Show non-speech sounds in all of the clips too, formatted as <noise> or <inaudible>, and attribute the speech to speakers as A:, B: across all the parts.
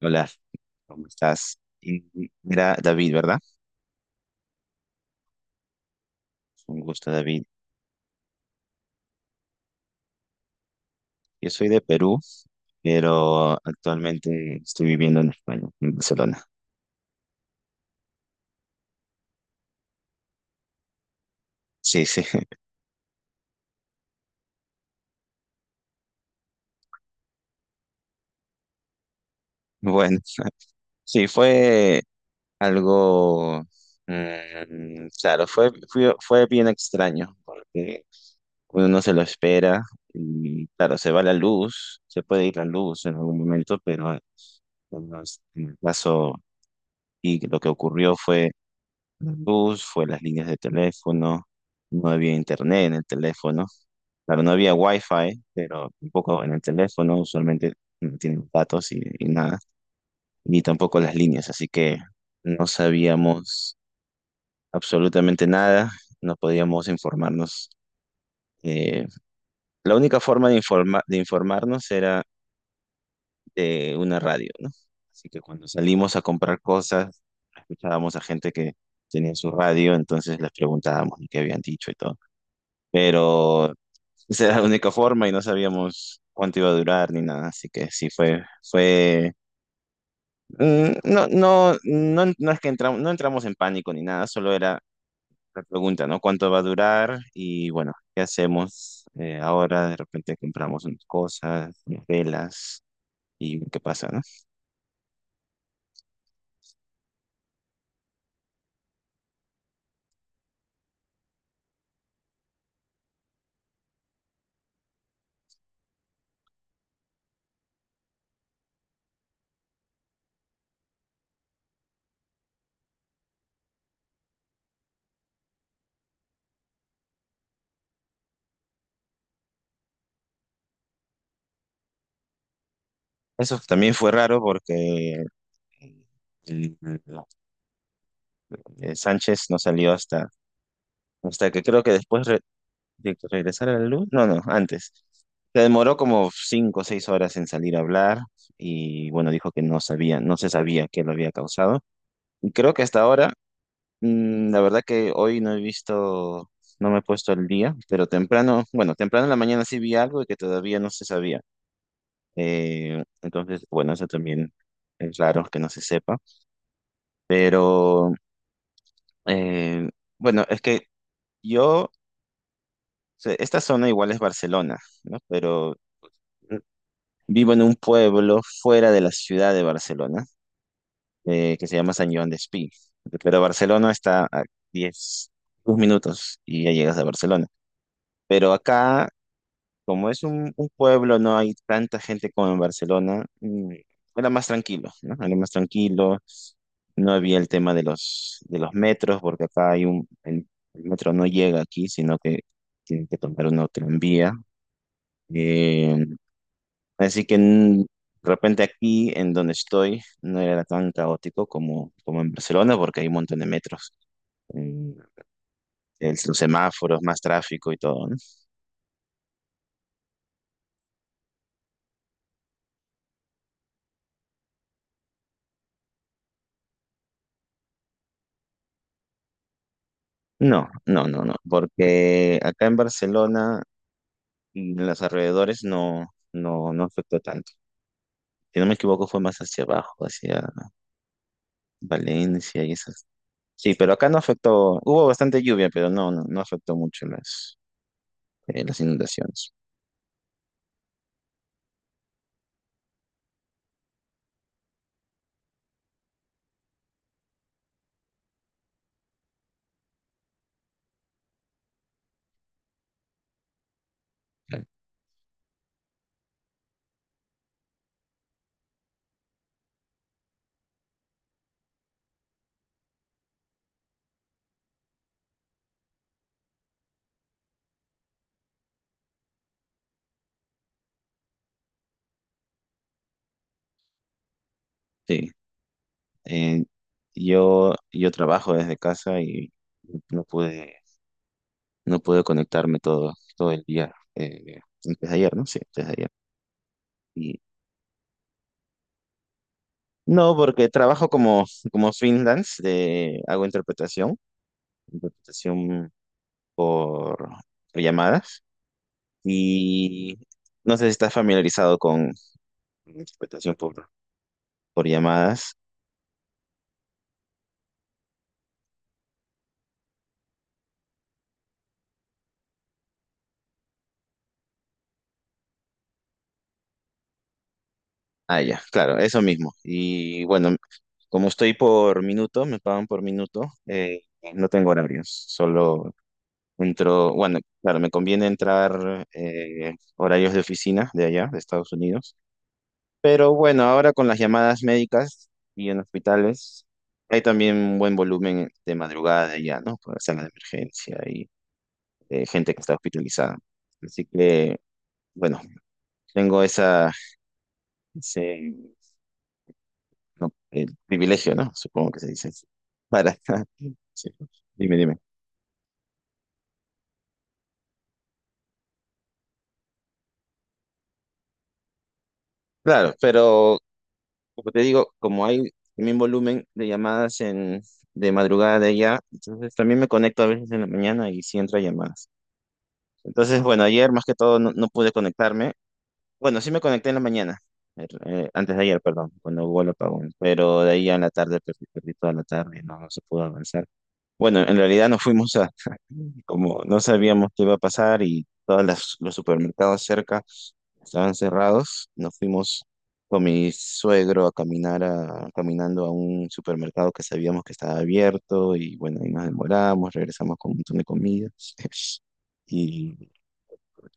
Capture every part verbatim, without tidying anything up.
A: Hola, ¿cómo estás? Y Mira, David, ¿verdad? Un gusto, David. Yo soy de Perú, pero actualmente estoy viviendo en España, en Barcelona. Sí, sí. <laughs> Bueno, sí, fue algo, mm, claro, fue, fue, fue bien extraño, porque uno no se lo espera y claro, se va la luz, se puede ir la luz en algún momento, pero en los- en el caso y lo que ocurrió fue la luz, fue las líneas de teléfono, no había internet en el teléfono. Claro, no había wifi, pero tampoco en el teléfono, usualmente no tienen datos y, y nada, ni tampoco las líneas, así que no sabíamos absolutamente nada, no podíamos informarnos. eh, la única forma de, informa- de informarnos era de una radio, ¿no? Así que cuando salimos a comprar cosas, escuchábamos a gente que tenía su radio, entonces les preguntábamos qué habían dicho y todo. Pero esa era la única forma y no sabíamos cuánto iba a durar ni nada, así que sí fue, fue, mm, no, no, no, no es que entramos, no entramos en pánico ni nada, solo era la pregunta, ¿no? ¿Cuánto va a durar? Y bueno, ¿qué hacemos eh, ahora? De repente compramos unas cosas, unas velas y qué pasa, ¿no? Eso también fue raro porque el- el Sánchez no salió hasta, hasta que creo que después re- de que regresara la luz, no, no, antes. Se demoró como cinco o seis horas en salir a hablar y bueno, dijo que no sabía, no se sabía qué lo había causado. Y creo que hasta ahora, mm, la verdad que hoy no he visto, no me he puesto al día, pero temprano, bueno, temprano en la mañana sí vi algo y que todavía no se sabía. Eh, entonces, bueno, eso también es raro que no se sepa, pero eh, bueno, es que yo, o sea, esta zona igual es Barcelona, ¿no? Pero vivo en un pueblo fuera de la ciudad de Barcelona, eh, que se llama San Joan Despí. Pero Barcelona está a diez, dos minutos y ya llegas a Barcelona. Pero acá, como es un, un pueblo, no hay tanta gente como en Barcelona, mm, era más tranquilo, ¿no? Era más tranquilo. No había el tema de los, de los metros, porque acá hay un, el, el metro no llega aquí, sino que tienen que tomar una tranvía. Así que mm, de repente aquí en donde estoy no era tan caótico como, como en Barcelona porque hay un montón de metros, mm, el- los semáforos, más tráfico y todo, ¿no? No, no, no, no, porque acá en Barcelona y en los alrededores no, no, no afectó tanto. Si no me equivoco fue más hacia abajo, hacia Valencia y esas. Sí, pero acá no afectó, hubo bastante lluvia, pero no, no, no afectó mucho las, eh, las inundaciones. Sí. Eh, yo, yo trabajo desde casa y no pude, no pude conectarme todo, todo el día. Eh, desde ayer, ¿no? Sí, desde ayer. Y no, porque trabajo como, como freelance, de, hago interpretación, interpretación por, llamadas. Y no sé si estás familiarizado con interpretación por, por llamadas. Ah, ya, claro, eso mismo. Y bueno, como estoy por minuto, me pagan por minuto, eh, no tengo horarios, solo entro, bueno, claro, me conviene entrar eh, horarios de oficina de allá, de Estados Unidos, pero bueno, ahora con las llamadas médicas y en hospitales, hay también un buen volumen de madrugada de allá, ¿no? Por sala de emergencia y eh, gente que está hospitalizada. Así que, bueno, tengo esa, no, el privilegio, ¿no? Supongo que se dice así. Para, <laughs> sí, dime, dime. Claro, pero como te digo, como hay el mismo volumen de llamadas en, de madrugada de allá, entonces también me conecto a veces en la mañana y sí entro a llamadas. Entonces, bueno, ayer más que todo no, no pude conectarme. Bueno, sí me conecté en la mañana, eh, eh, antes de ayer, perdón, cuando hubo el apagón, pero de ahí a la tarde perdí, perdí toda la tarde, no, no se pudo avanzar. Bueno, en realidad nos fuimos a, <laughs> como no sabíamos qué iba a pasar y todos las- los supermercados cerca estaban cerrados, nos fuimos con mi suegro a caminar a, caminando a un supermercado que sabíamos que estaba abierto y bueno, ahí nos demoramos, regresamos con un montón de comida. <laughs> Y,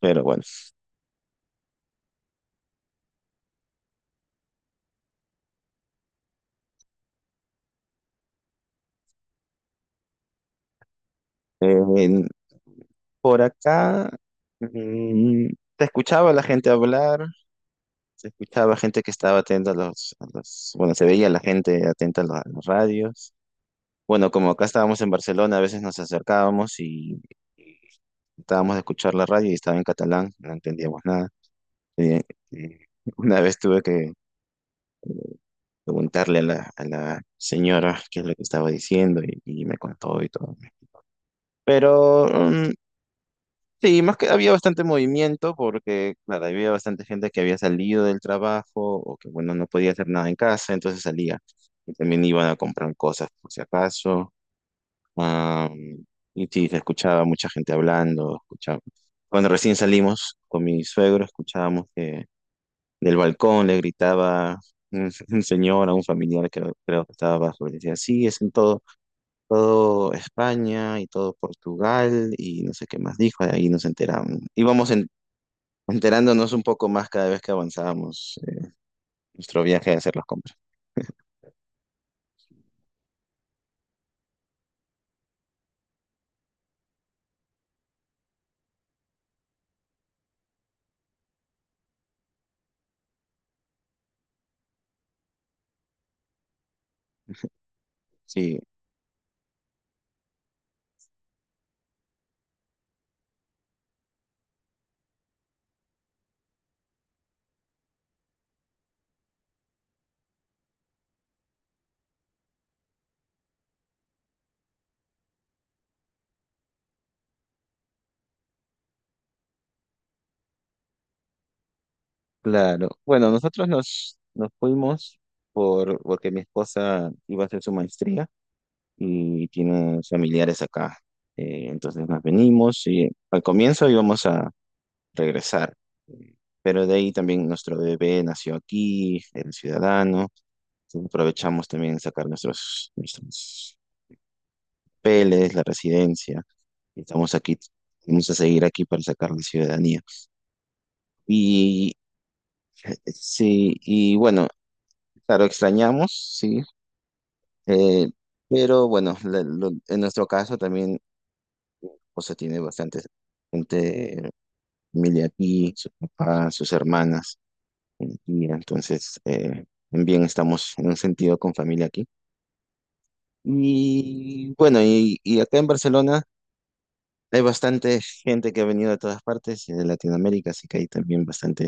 A: pero bueno, en- por acá mm, te escuchaba la gente hablar. Se escuchaba gente que estaba atenta a los, a los- bueno, se veía la gente atenta a la- a las radios. Bueno, como acá estábamos en Barcelona, a veces nos acercábamos y, y tratábamos de escuchar la radio y estaba en catalán, no entendíamos nada. Eh, eh, una vez tuve que preguntarle a la, a la señora qué es lo que estaba diciendo y, y me contó y todo. Pero sí, más que había bastante movimiento porque, claro, había bastante gente que había salido del trabajo o que, bueno, no podía hacer nada en casa, entonces salía. Y también iban a comprar cosas por si acaso. Am, y sí, se escuchaba mucha gente hablando, escuchaba. Cuando recién salimos con mi suegro, escuchábamos que del balcón le gritaba un, <laughs> un señor a un familiar que creo que estaba abajo y decía, sí, es en todo, todo España y todo Portugal y no sé qué más dijo, ahí nos enteramos. Íbamos en, enterándonos un poco más cada vez que avanzábamos eh, nuestro viaje de hacer las compras. Sí, claro. Bueno, nosotros nos, nos fuimos por, porque mi esposa iba a hacer su maestría y tiene familiares acá. Eh, entonces nos venimos y al comienzo íbamos a regresar, eh, pero de ahí también nuestro bebé nació aquí, el ciudadano. Entonces aprovechamos también sacar nuestros, nuestros papeles, la residencia. Estamos aquí, vamos a seguir aquí para sacar la ciudadanía. Y eh, sí, y bueno, claro, extrañamos, sí, eh, pero bueno, la- lo- en nuestro caso también, o sea, tiene bastante gente, familia aquí, su papá, sus hermanas, y entonces eh, también estamos en un sentido con familia aquí. Y bueno, y, y acá en Barcelona hay bastante gente que ha venido de todas partes, de Latinoamérica, así que hay también bastante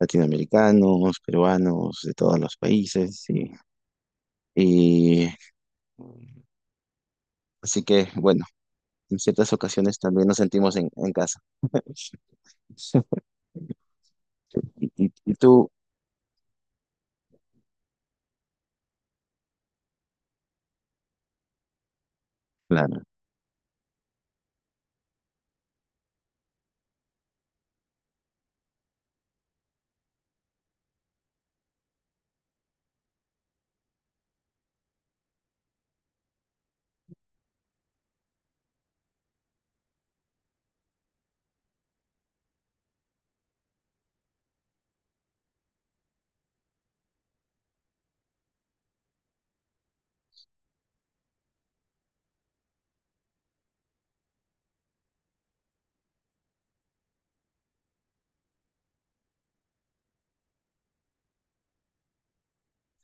A: latinoamericanos, peruanos, de todos los países. Y, y así que, bueno, en ciertas ocasiones también nos sentimos en, en casa. <laughs> Y, y- y tú, claro,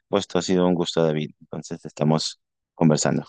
A: pues esto ha sido un gusto, David. Entonces estamos conversando.